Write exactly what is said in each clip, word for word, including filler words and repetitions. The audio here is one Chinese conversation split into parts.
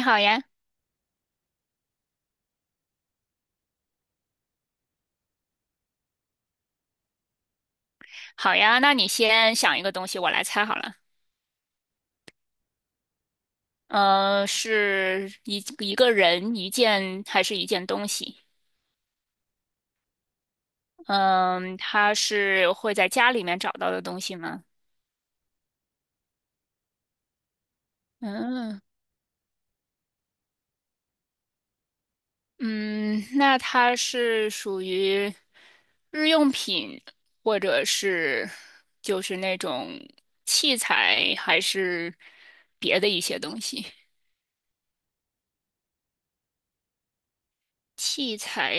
你好呀。好呀，那你先想一个东西，我来猜好了。呃，是一一个人、一件还是一件东西？嗯、它是会在家里面找到的东西吗？嗯嗯，那它是属于日用品，或者是就是那种器材，还是别的一些东西？器材，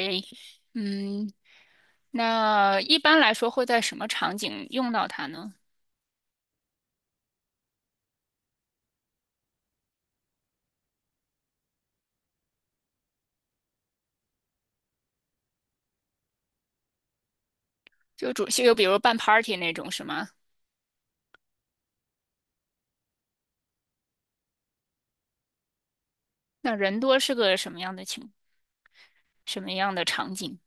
嗯，那一般来说会在什么场景用到它呢？就主，就比如办 party 那种是吗？那人多是个什么样的情，什么样的场景？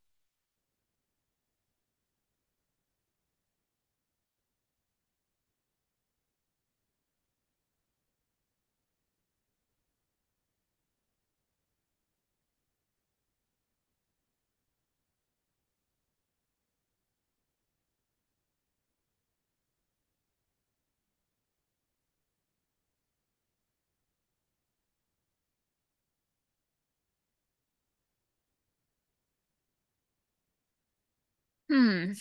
嗯，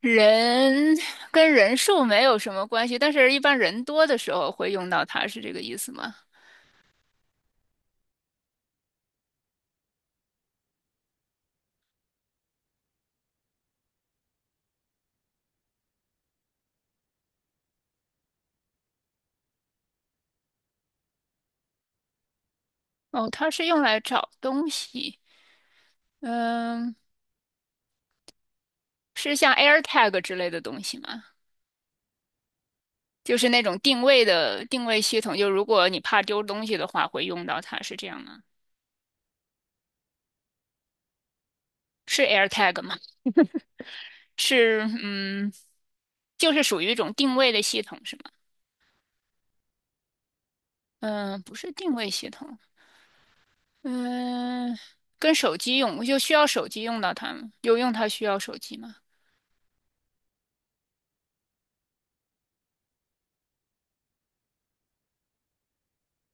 人跟人数没有什么关系，但是一般人多的时候会用到它，是这个意思吗？哦，它是用来找东西，嗯，是像 AirTag 之类的东西吗？就是那种定位的定位系统，就如果你怕丢东西的话，会用到它，是这样吗？是 AirTag 吗？是嗯，就是属于一种定位的系统是吗？嗯、不是定位系统。嗯、跟手机用就需要手机用到它吗？有用它需要手机吗？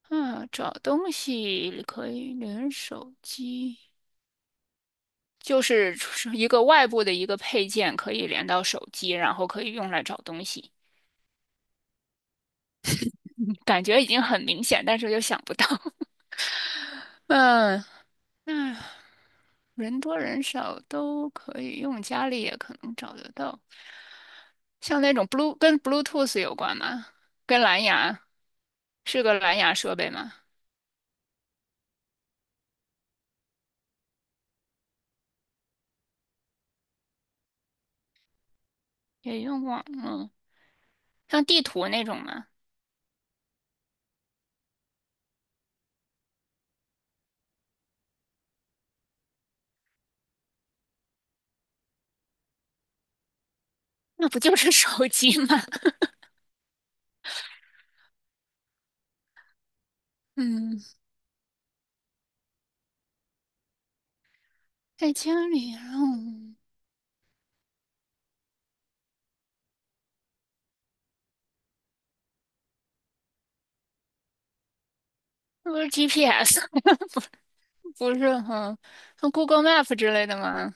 嗯，找东西可以连手机，就是是一个外部的一个配件可以连到手机，然后可以用来找东西。嗯，感觉已经很明显，但是又想不到。嗯，那人多人少都可以用，家里也可能找得到。像那种 Blue 跟 Bluetooth 有关吗？跟蓝牙是个蓝牙设备吗？也用过，嗯，像地图那种吗？那不就是手机吗？嗯，在家里，嗯，那不是 G P S，不是，哈，像 Google Map 之类的吗？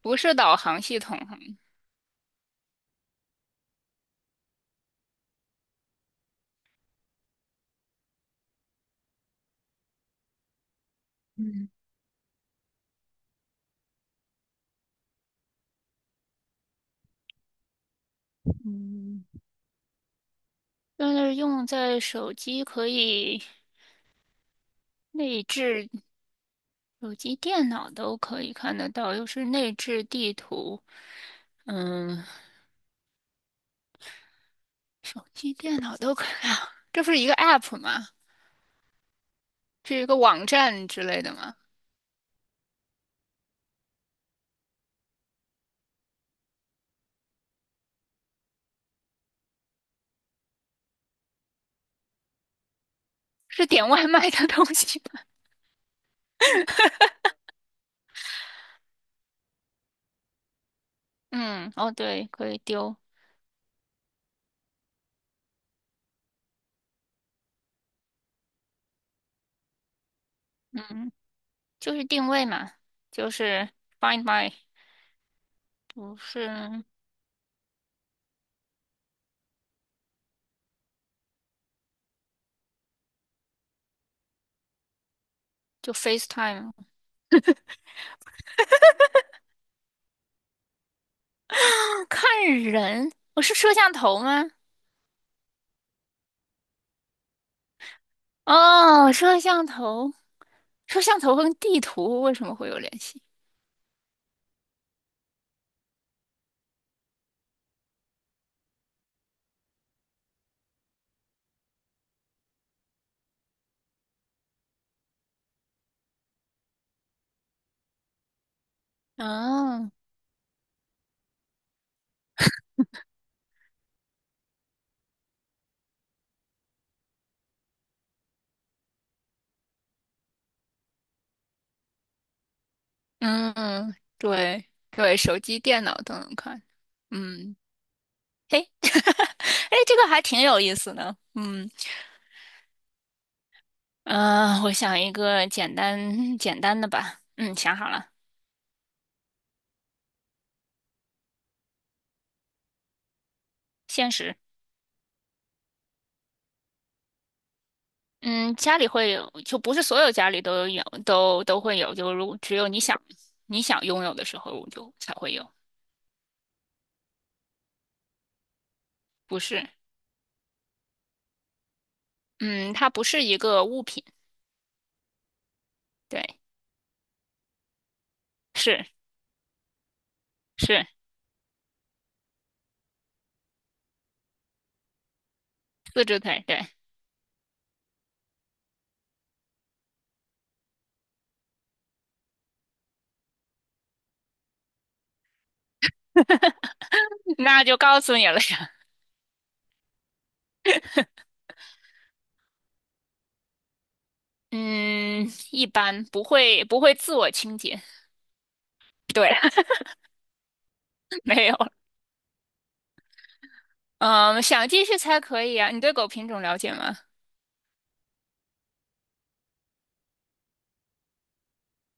不是导航系统哈，嗯嗯，但是用在手机可以内置，手机、电脑都可以看得到，又是内置地图，嗯，手机、电脑都可以啊，这不是一个 app 吗？是一个网站之类的吗？是点外卖的东西吗？嗯，哦，对，可以丢，嗯，就是定位嘛，就是 Find My，不是，就 FaceTime。啊，看人，我是摄像头吗？哦，摄像头，摄像头跟地图为什么会有联系？哦，嗯，对对，手机、电脑都能看。嗯，嘿。哎，这个还挺有意思的。嗯，呃，我想一个简单简单的吧。嗯，想好了，现实。嗯，家里会有，就不是所有家里都有，都都会有。就如果只有你想你想拥有的时候，就才会有。不是，嗯，它不是一个物品。对，是是四只腿。对。那就告诉你了呀。嗯，一般不会不会自我清洁。对。没有。嗯，想继续猜可以啊。你对狗品种了解吗？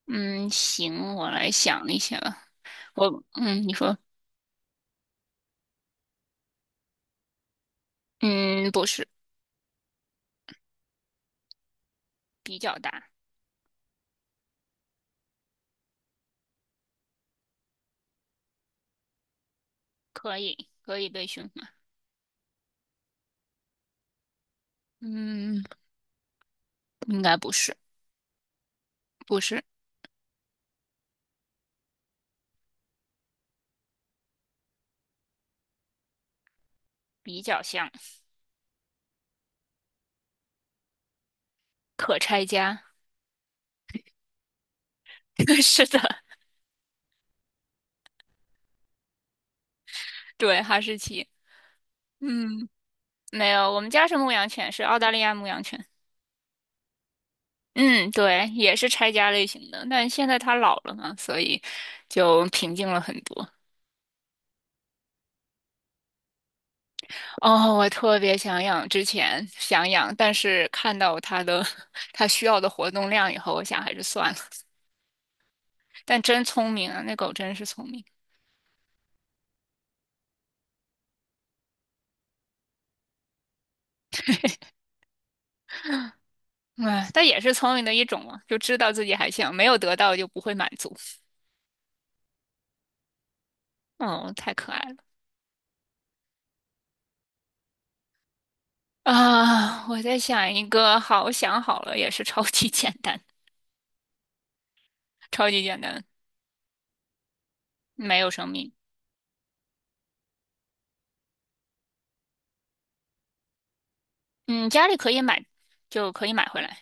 嗯，行，我来想一下吧。我，嗯，你说，嗯，不是，比较大，可以，可以被驯化。嗯，应该不是，不是，比较像，可拆家。是的，对，哈士奇。嗯，没有，我们家是牧羊犬，是澳大利亚牧羊犬。嗯，对，也是拆家类型的，但现在它老了嘛，所以就平静了很多。哦，我特别想养，之前想养，但是看到它的 它需要的活动量以后，我想还是算了。但真聪明啊，那狗真是聪明。哎，但也是聪明的一种嘛，就知道自己还想，没有得到就不会满足。嗯，太可爱了。啊！我在想一个，好想好了，也是超级简单，超级简单，没有生命。嗯，家里可以买，就可以买回来。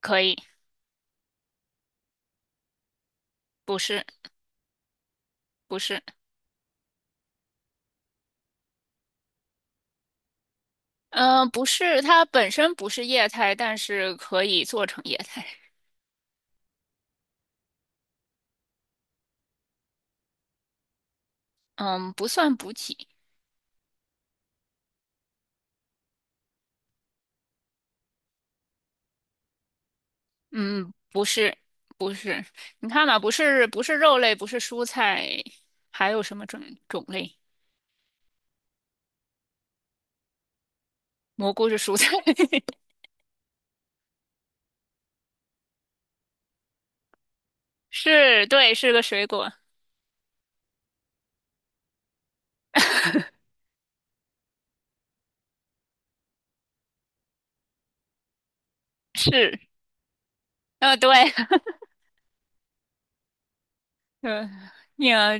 可以，不是，不是。嗯、呃不是，它本身不是液态，但是可以做成液态。嗯，不算补体。嗯，不是，不是。你看嘛，不是，不是肉类，不是蔬菜，还有什么种种类？蘑菇是蔬菜。是，对，是个水果，是。呃，对。嗯，你啊，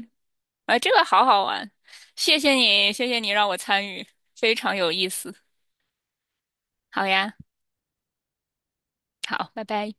啊，这个好好玩，谢谢你，谢谢你让我参与，非常有意思。好呀，好，拜拜。